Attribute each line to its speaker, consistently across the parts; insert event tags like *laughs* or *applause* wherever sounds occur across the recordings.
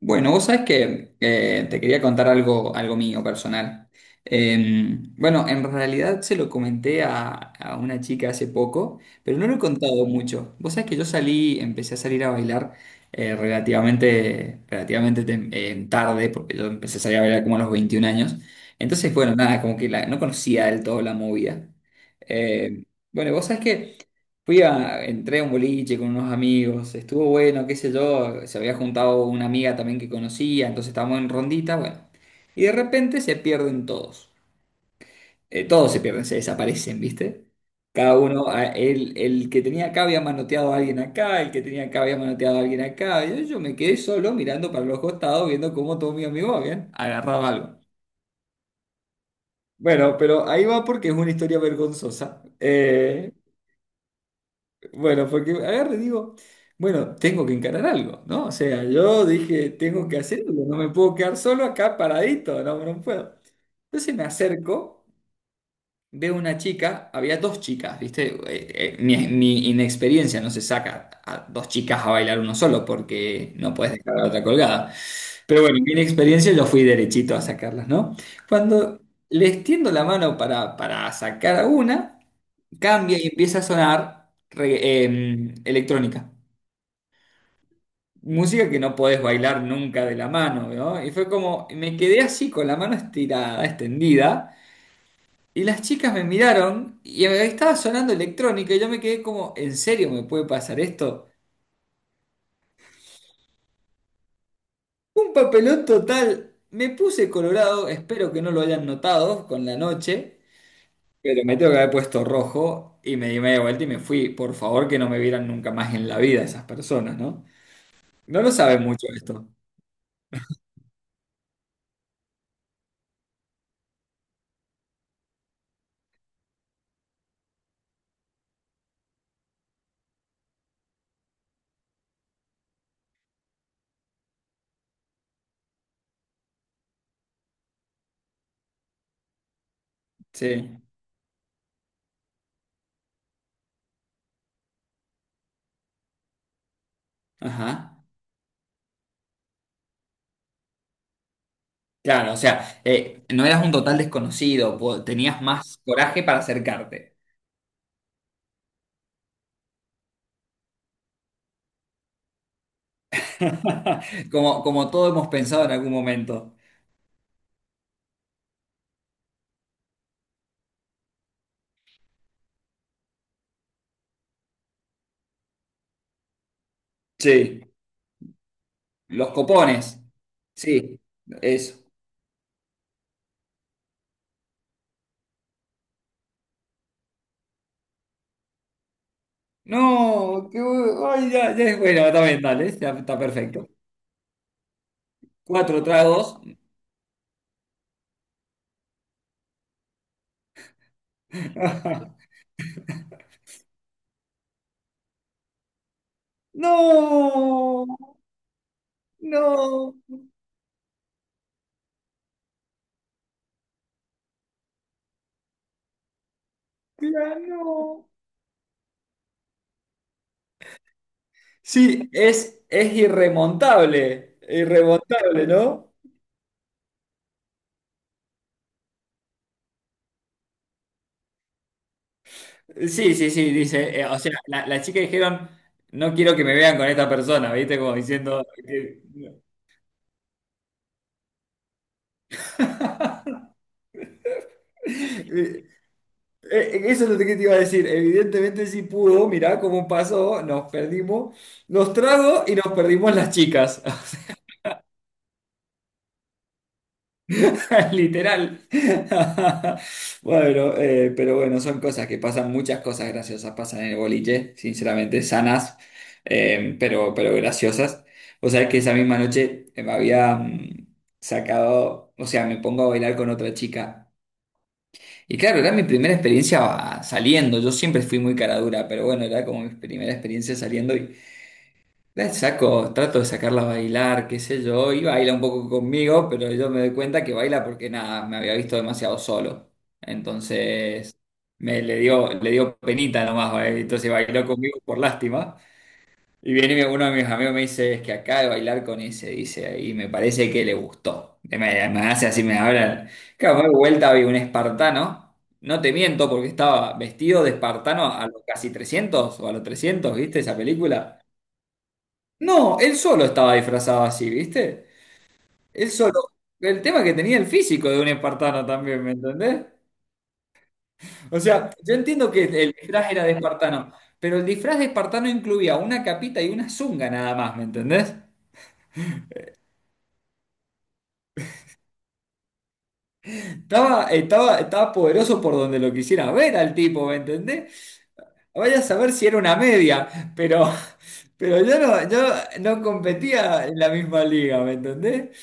Speaker 1: Bueno, vos sabés que te quería contar algo, algo mío personal. Bueno, en realidad se lo comenté a una chica hace poco, pero no lo he contado mucho. Vos sabés que yo salí, empecé a salir a bailar relativamente tarde, porque yo empecé a salir a bailar como a los 21 años. Entonces, bueno, nada, como que no conocía del todo la movida. Eh, bueno, vos sabés que... Fui entré a un boliche con unos amigos, estuvo bueno, qué sé yo, se había juntado una amiga también que conocía, entonces estábamos en rondita, bueno. Y de repente se pierden todos. Todos se pierden, se desaparecen, ¿viste? Cada uno, el que tenía acá había manoteado a alguien acá, el que tenía acá había manoteado a alguien acá. Y yo me quedé solo mirando para los costados, viendo cómo todos mis amigos habían agarrado algo. Bueno, pero ahí va porque es una historia vergonzosa. Bueno, porque agarre, y digo, bueno, tengo que encarar algo, ¿no? O sea, yo dije, tengo que hacer algo, no me puedo quedar solo acá paradito, no, no puedo. Entonces me acerco. Veo una chica, había dos chicas, ¿viste? Mi inexperiencia no se saca a dos chicas a bailar uno solo porque no puedes dejar a la otra colgada. Pero bueno, mi inexperiencia yo fui derechito a sacarlas, ¿no? Cuando les tiendo la mano para sacar a una, cambia y empieza a sonar electrónica. Música que no podés bailar nunca de la mano, ¿no? Y fue como, me quedé así con la mano estirada, extendida. Y las chicas me miraron y estaba sonando electrónica y yo me quedé como, ¿en serio me puede pasar esto? Un papelón total. Me puse colorado, espero que no lo hayan notado con la noche, pero me tengo que haber puesto rojo y me di media vuelta y me fui. Por favor, que no me vieran nunca más en la vida esas personas, ¿no? No lo saben mucho esto. Sí. Ajá. Claro, o sea, no eras un total desconocido, tenías más coraje para acercarte. *laughs* Como, como todos hemos pensado en algún momento. Sí, los copones. Sí, eso. No, ay, ya, ya es bueno, también dale, ya está perfecto. Cuatro tragos. *laughs* No, no, claro. No. Sí, es irremontable, irremontable, ¿no? Sí, sí, sí, dice, o sea, la chica dijeron, no quiero que me vean con esta persona, ¿viste? Como diciendo... que- *laughs* Eso es lo que te iba a decir. Evidentemente sí pudo, mirá cómo pasó, nos perdimos los tragos y nos perdimos las chicas. *laughs* O sea, literal. *laughs* Bueno, pero bueno, son cosas que pasan, muchas cosas graciosas pasan en el boliche, sinceramente, sanas, pero graciosas. O sea, que esa misma noche me había sacado, o sea, me pongo a bailar con otra chica. Y claro, era mi primera experiencia saliendo. Yo siempre fui muy cara dura, pero bueno, era como mi primera experiencia saliendo y la saco, trato de sacarla a bailar, qué sé yo, y baila un poco conmigo, pero yo me doy cuenta que baila porque nada, me había visto demasiado solo. Entonces le dio penita nomás, ¿eh? Entonces bailó conmigo por lástima. Y viene uno de mis amigos me dice, es que acá de bailar con ese, dice, y me parece que le gustó. Me hace así, me habla. Claro, me doy vuelta, vi un espartano. No te miento, porque estaba vestido de espartano a los casi 300 o a los 300, ¿viste esa película? No, él solo estaba disfrazado así, ¿viste? Él solo. El tema que tenía el físico de un espartano también, ¿me entendés? O sea, yo entiendo que el disfraz era de espartano, pero el disfraz de espartano incluía una capita y una zunga nada más, ¿me entendés? Estaba poderoso por donde lo quisiera ver al tipo, ¿me entendés? Vaya a saber si era una media, pero, pero yo no, yo no competía en la misma liga, ¿me entendés?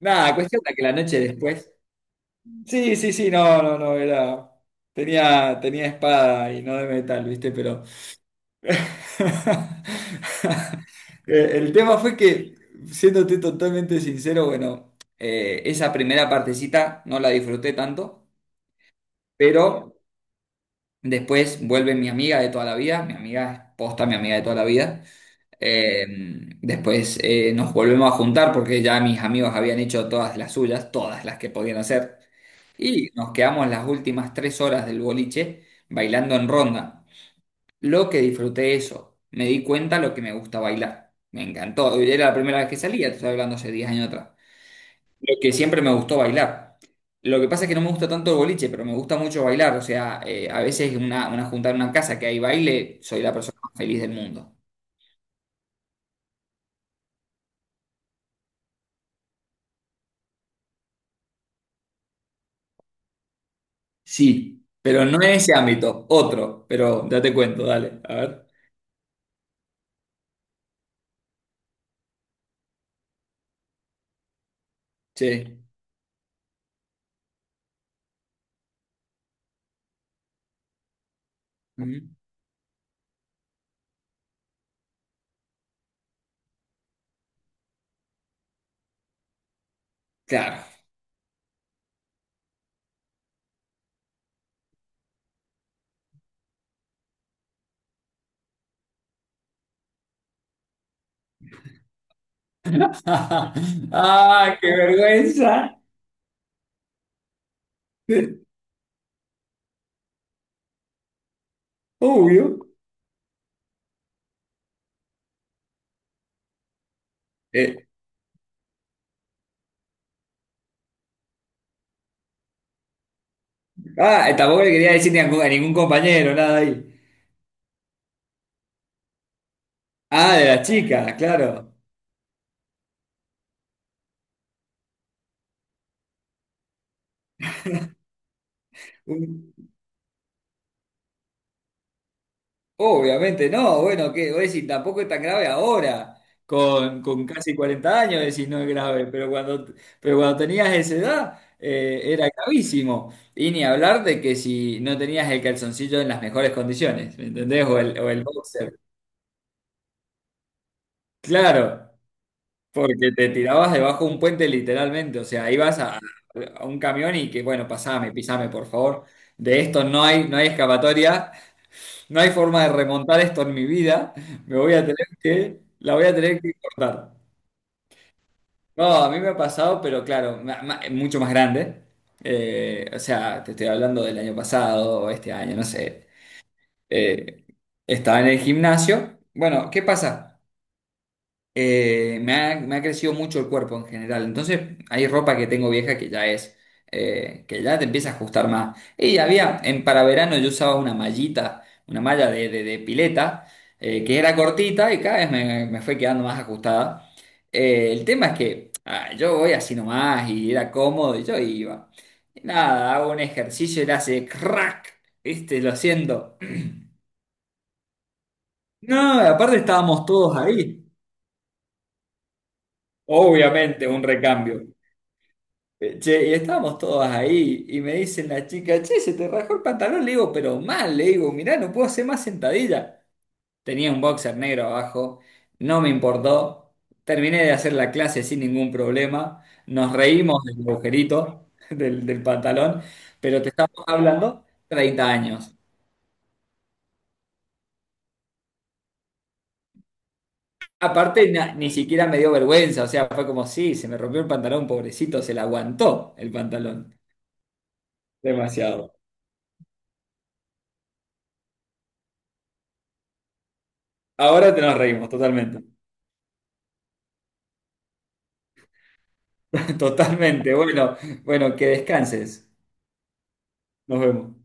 Speaker 1: Nada, cuestión de que la noche después. Sí, sí, sí, no, no, no, era. Tenía espada y no de metal, ¿viste? Pero. *laughs* El tema fue que, siéndote totalmente sincero, bueno, esa primera partecita no la disfruté tanto, pero después vuelve mi amiga de toda la vida, mi amiga es posta, mi amiga de toda la vida. Eh, Después nos volvemos a juntar porque ya mis amigos habían hecho todas las suyas, todas las que podían hacer. Y nos quedamos las últimas 3 horas del boliche bailando en ronda. Lo que disfruté eso, me di cuenta lo que me gusta bailar. Me encantó. Era la primera vez que salía, te estoy hablando hace 10 años atrás. Lo que siempre me gustó bailar. Lo que pasa es que no me gusta tanto el boliche, pero me gusta mucho bailar. O sea, a veces una juntada en una casa que hay baile, soy la persona más feliz del mundo. Sí, pero no en ese ámbito, otro. Pero ya te cuento, dale. A ver. Sí. Ujú. Claro. *laughs* ¡Ah, qué vergüenza! Obvio. Eh, ah, tampoco le quería decir ni a, ningún a ningún compañero, nada ahí. Ah, de las chicas, claro. Obviamente no, bueno, que vos decís, tampoco es tan grave ahora, con casi 40 años decís no es grave, pero cuando tenías esa edad era gravísimo. Y ni hablar de que si no tenías el calzoncillo en las mejores condiciones, ¿me entendés? O el boxer. Claro, porque te tirabas debajo de un puente literalmente, o sea, ibas a un camión y que, bueno, pasame, pisame, por favor. De esto no hay, no hay escapatoria. No hay forma de remontar esto en mi vida. Me voy a tener que, la voy a tener que cortar. No, a mí me ha pasado, pero claro, mucho más grande. O sea, te estoy hablando del año pasado, este año, no sé. Eh, estaba en el gimnasio. Bueno, ¿qué pasa? Me ha crecido mucho el cuerpo en general. Entonces, hay ropa que tengo vieja que ya es, que ya te empieza a ajustar más. Y había, en para verano yo usaba una mallita, una malla de pileta, que era cortita y cada vez me fue quedando más ajustada. El tema es que yo voy así nomás y era cómodo y yo iba. Y nada, hago un ejercicio y le hace crack, ¿viste? Lo siento. No, aparte estábamos todos ahí. Obviamente, un recambio. Che, y estábamos todos ahí y me dicen la chica, che, se te rajó el pantalón, le digo, pero mal, le digo, mirá, no puedo hacer más sentadilla. Tenía un boxer negro abajo, no me importó, terminé de hacer la clase sin ningún problema, nos reímos del agujerito *laughs* del pantalón, pero te estamos hablando 30 años. Aparte, ni siquiera me dio vergüenza, o sea, fue como, sí, se me rompió el pantalón, pobrecito, se le aguantó el pantalón. Demasiado. Ahora te nos reímos totalmente. Totalmente. Bueno, bueno, que descanses. Nos vemos.